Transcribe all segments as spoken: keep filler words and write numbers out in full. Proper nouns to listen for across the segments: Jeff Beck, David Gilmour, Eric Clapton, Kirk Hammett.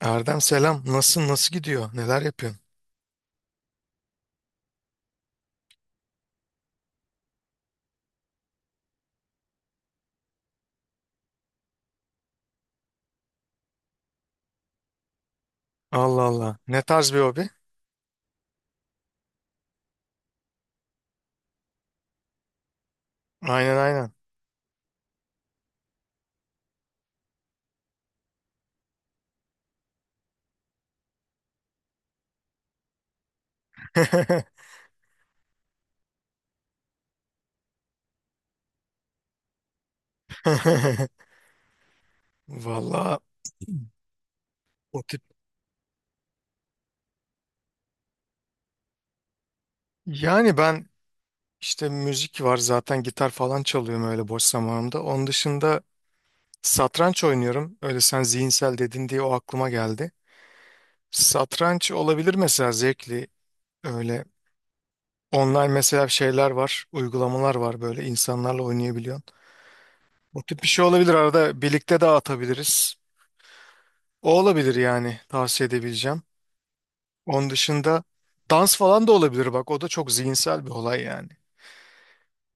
Erdem selam. Nasılsın? Nasıl gidiyor? Neler yapıyorsun? Allah Allah. Ne tarz bir hobi? Aynen aynen. Valla o tip. Yani ben işte müzik var zaten, gitar falan çalıyorum öyle boş zamanımda. Onun dışında satranç oynuyorum. Öyle, sen zihinsel dedin diye o aklıma geldi. Satranç olabilir mesela, zevkli. Öyle online mesela şeyler var, uygulamalar var, böyle insanlarla oynayabiliyorsun. O tip bir şey olabilir, arada birlikte de atabiliriz. O olabilir yani tavsiye edebileceğim. Onun dışında dans falan da olabilir bak, o da çok zihinsel bir olay yani.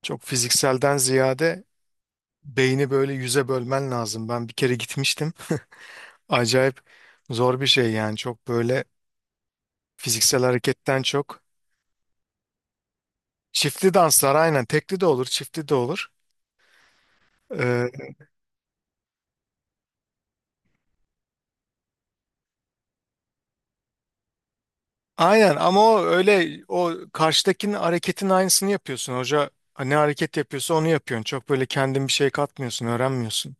Çok fizikselden ziyade beyni böyle yüze bölmen lazım. Ben bir kere gitmiştim. Acayip zor bir şey yani, çok böyle fiziksel hareketten çok. Çiftli danslar, aynen, tekli de olur çiftli de olur. Ee, aynen ama o öyle, o karşıdakinin hareketin aynısını yapıyorsun. Hoca ne hareket yapıyorsa onu yapıyorsun. Çok böyle kendin bir şey katmıyorsun, öğrenmiyorsun.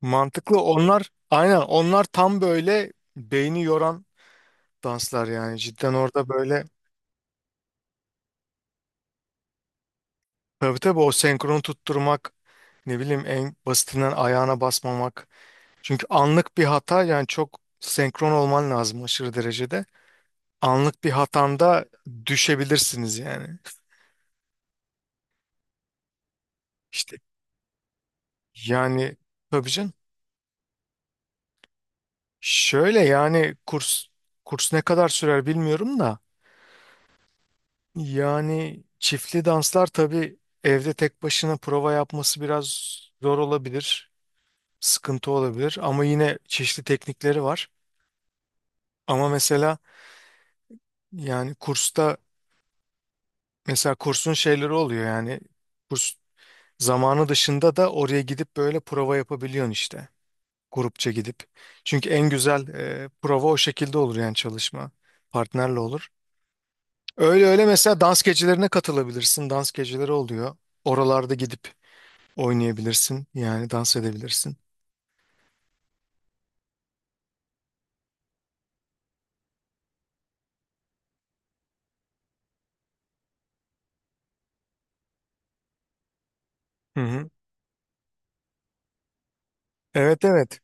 Mantıklı. Onlar aynen, onlar tam böyle beyni yoran danslar yani. Cidden orada böyle, tabii tabii, o senkronu tutturmak, ne bileyim, en basitinden ayağına basmamak. Çünkü anlık bir hata yani, çok senkron olman lazım aşırı derecede. Anlık bir hatanda düşebilirsiniz yani. İşte, yani, tabii canım. Şöyle yani, kurs kurs ne kadar sürer bilmiyorum da yani çiftli danslar tabii, evde tek başına prova yapması biraz zor olabilir, sıkıntı olabilir ama yine çeşitli teknikleri var. Ama mesela, yani kursta, mesela kursun şeyleri oluyor yani, kurs zamanı dışında da oraya gidip böyle prova yapabiliyorsun işte, grupça gidip. Çünkü en güzel e, prova o şekilde olur yani, çalışma partnerle olur. Öyle öyle, mesela dans gecelerine katılabilirsin. Dans geceleri oluyor. Oralarda gidip oynayabilirsin. Yani dans edebilirsin. Hı hı. Evet, evet.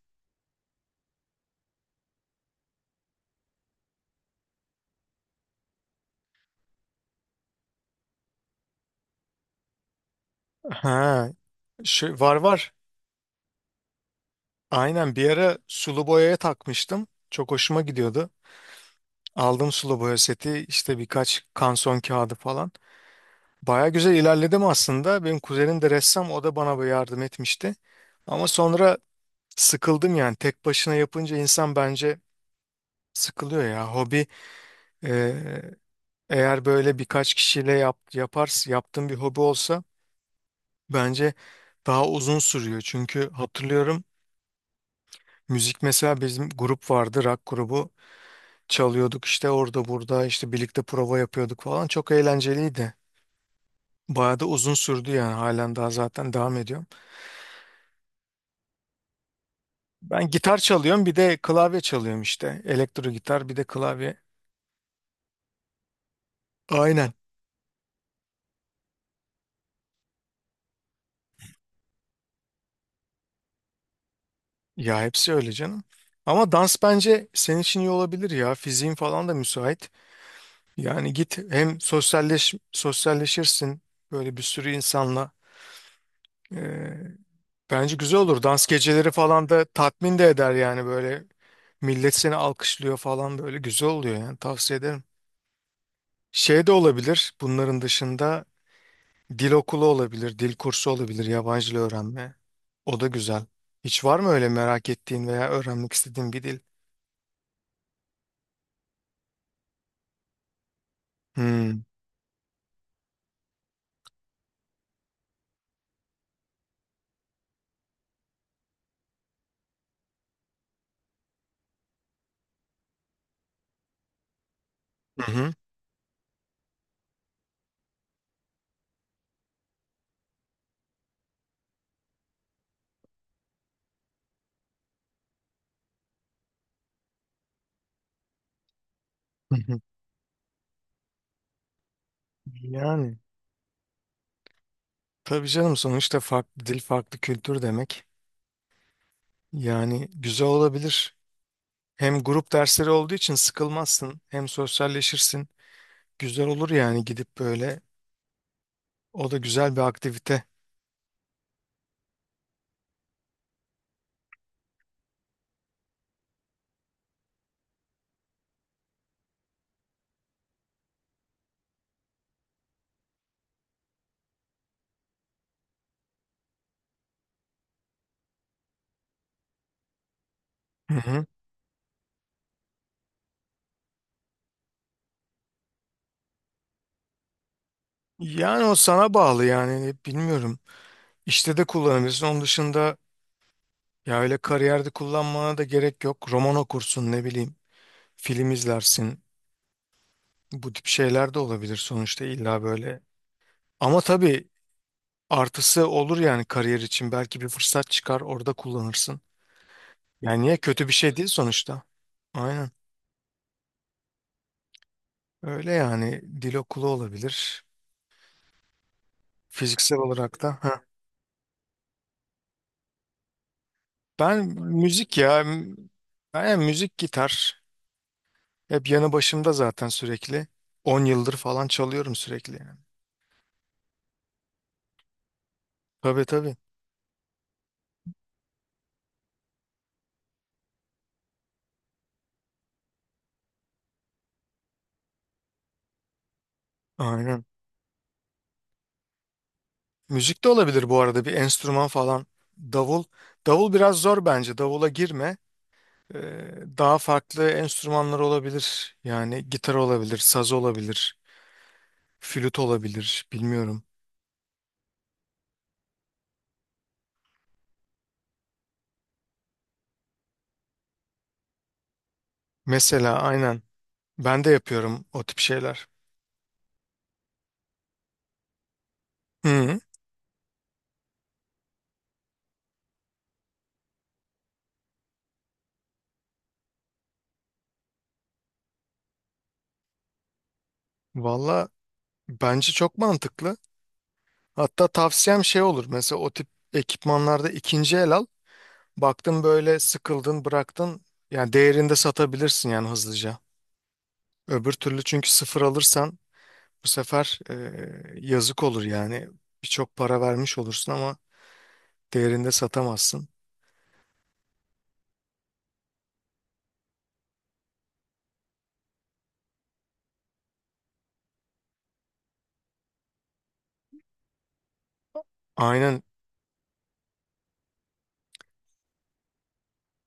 Ha, Şey, var var. Aynen, bir ara sulu boyaya takmıştım. Çok hoşuma gidiyordu. Aldım sulu boya seti, işte birkaç kanson kağıdı falan. Baya güzel ilerledim aslında. Benim kuzenim de ressam, o da bana böyle yardım etmişti. Ama sonra sıkıldım yani. Tek başına yapınca insan bence sıkılıyor ya. Hobi, eğer böyle birkaç kişiyle yap, yaparsın, yaptığın bir hobi olsa bence daha uzun sürüyor. Çünkü hatırlıyorum, müzik mesela, bizim grup vardı, rock grubu. Çalıyorduk işte orada burada, işte birlikte prova yapıyorduk falan. Çok eğlenceliydi. Bayağı da uzun sürdü yani, halen daha zaten devam ediyorum. Ben gitar çalıyorum, bir de klavye çalıyorum işte. Elektro gitar, bir de klavye. Aynen. Ya hepsi öyle canım. Ama dans bence senin için iyi olabilir ya. Fiziğin falan da müsait. Yani git hem sosyalleş sosyalleşirsin böyle bir sürü insanla. Ee, Bence güzel olur. Dans geceleri falan da tatmin de eder yani böyle. Millet seni alkışlıyor falan, böyle güzel oluyor yani, tavsiye ederim. Şey de olabilir bunların dışında, dil okulu olabilir, dil kursu olabilir, yabancı dil öğrenme. O da güzel. Hiç var mı öyle merak ettiğin veya öğrenmek istediğin bir dil? Hmm. Hı hı. Hı hı. Yani tabii canım, sonuçta farklı dil, farklı kültür demek. Yani güzel olabilir. Hem grup dersleri olduğu için sıkılmazsın, hem sosyalleşirsin. Güzel olur yani, gidip böyle. O da güzel bir aktivite. Hı hı. Yani o sana bağlı yani, bilmiyorum. İşte de kullanabilirsin. Onun dışında ya öyle kariyerde kullanmana da gerek yok. Roman okursun, ne bileyim. Film izlersin. Bu tip şeyler de olabilir sonuçta, illa böyle. Ama tabii artısı olur yani kariyer için. Belki bir fırsat çıkar, orada kullanırsın. Yani niye, kötü bir şey değil sonuçta. Aynen. Öyle yani, dil okulu olabilir. Fiziksel olarak da. Heh. Ben müzik ya. Ben yani, müzik, gitar. Hep yanı başımda zaten sürekli. on yıldır falan çalıyorum sürekli yani. Tabii tabii. Aynen. Müzik de olabilir bu arada, bir enstrüman falan. Davul. Davul biraz zor bence. Davula girme. Ee, Daha farklı enstrümanlar olabilir. Yani gitar olabilir, saz olabilir, flüt olabilir. Bilmiyorum. Mesela aynen. Ben de yapıyorum o tip şeyler. Hı. Valla bence çok mantıklı. Hatta tavsiyem şey olur. Mesela o tip ekipmanlarda ikinci el al. Baktın böyle, sıkıldın, bıraktın. Yani değerinde satabilirsin yani hızlıca. Öbür türlü, çünkü sıfır alırsan bu sefer e, yazık olur yani. Birçok para vermiş olursun ama değerinde satamazsın. Aynen,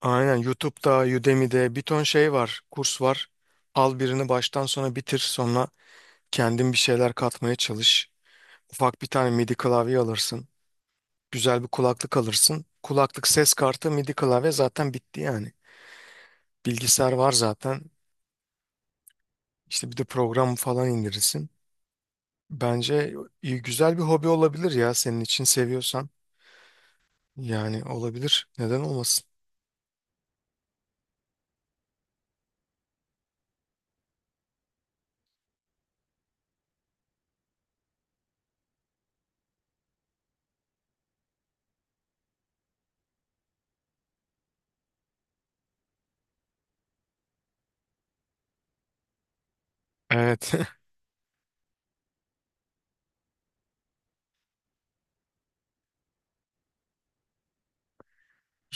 aynen YouTube'da, Udemy'de bir ton şey var, kurs var. Al birini baştan sona bitir, sonra kendin bir şeyler katmaya çalış. Ufak bir tane M I D I klavye alırsın. Güzel bir kulaklık alırsın. Kulaklık, ses kartı, M I D I klavye zaten bitti yani. Bilgisayar var zaten. İşte bir de program falan indirirsin. Bence iyi, güzel bir hobi olabilir ya, senin için, seviyorsan. Yani olabilir. Neden olmasın? Evet.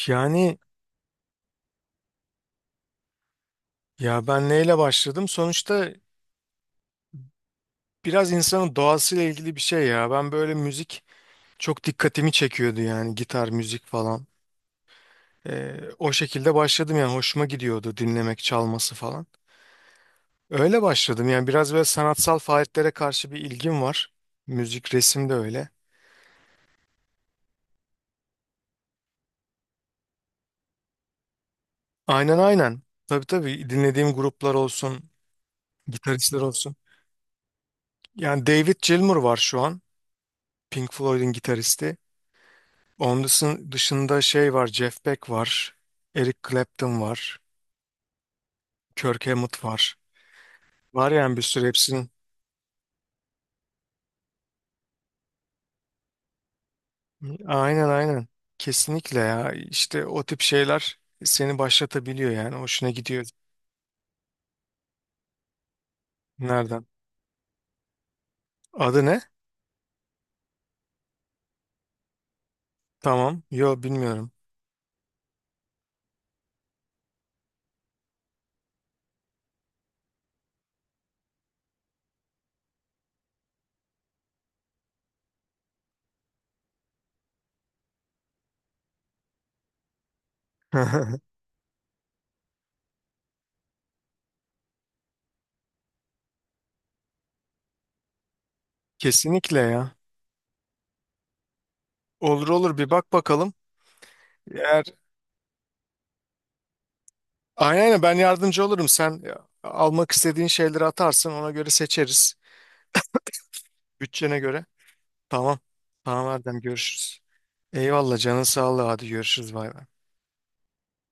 Yani, ya ben neyle başladım? Sonuçta biraz insanın doğasıyla ilgili bir şey ya. Ben böyle müzik çok dikkatimi çekiyordu yani, gitar, müzik falan. Ee, o şekilde başladım yani, hoşuma gidiyordu dinlemek, çalması falan. Öyle başladım yani, biraz böyle sanatsal faaliyetlere karşı bir ilgim var. Müzik, resim de öyle. Aynen, aynen. Tabii tabii, dinlediğim gruplar olsun, gitaristler olsun. Yani David Gilmour var şu an. Pink Floyd'un gitaristi. Onun dışın- dışında şey var, Jeff Beck var, Eric Clapton var, Kirk Hammett var. Var yani, bir sürü hepsinin. Aynen, aynen. Kesinlikle ya. İşte o tip şeyler seni başlatabiliyor yani. Hoşuna gidiyor. Nereden? Adı ne? Tamam. Yo, bilmiyorum. Kesinlikle ya. Olur olur, bir bak bakalım. Eğer, aynen aynen, ben yardımcı olurum. Sen almak istediğin şeyleri atarsın. Ona göre seçeriz. Bütçene göre. Tamam. Tamam Erdem, görüşürüz. Eyvallah, canın sağlığı, hadi görüşürüz, bay bay.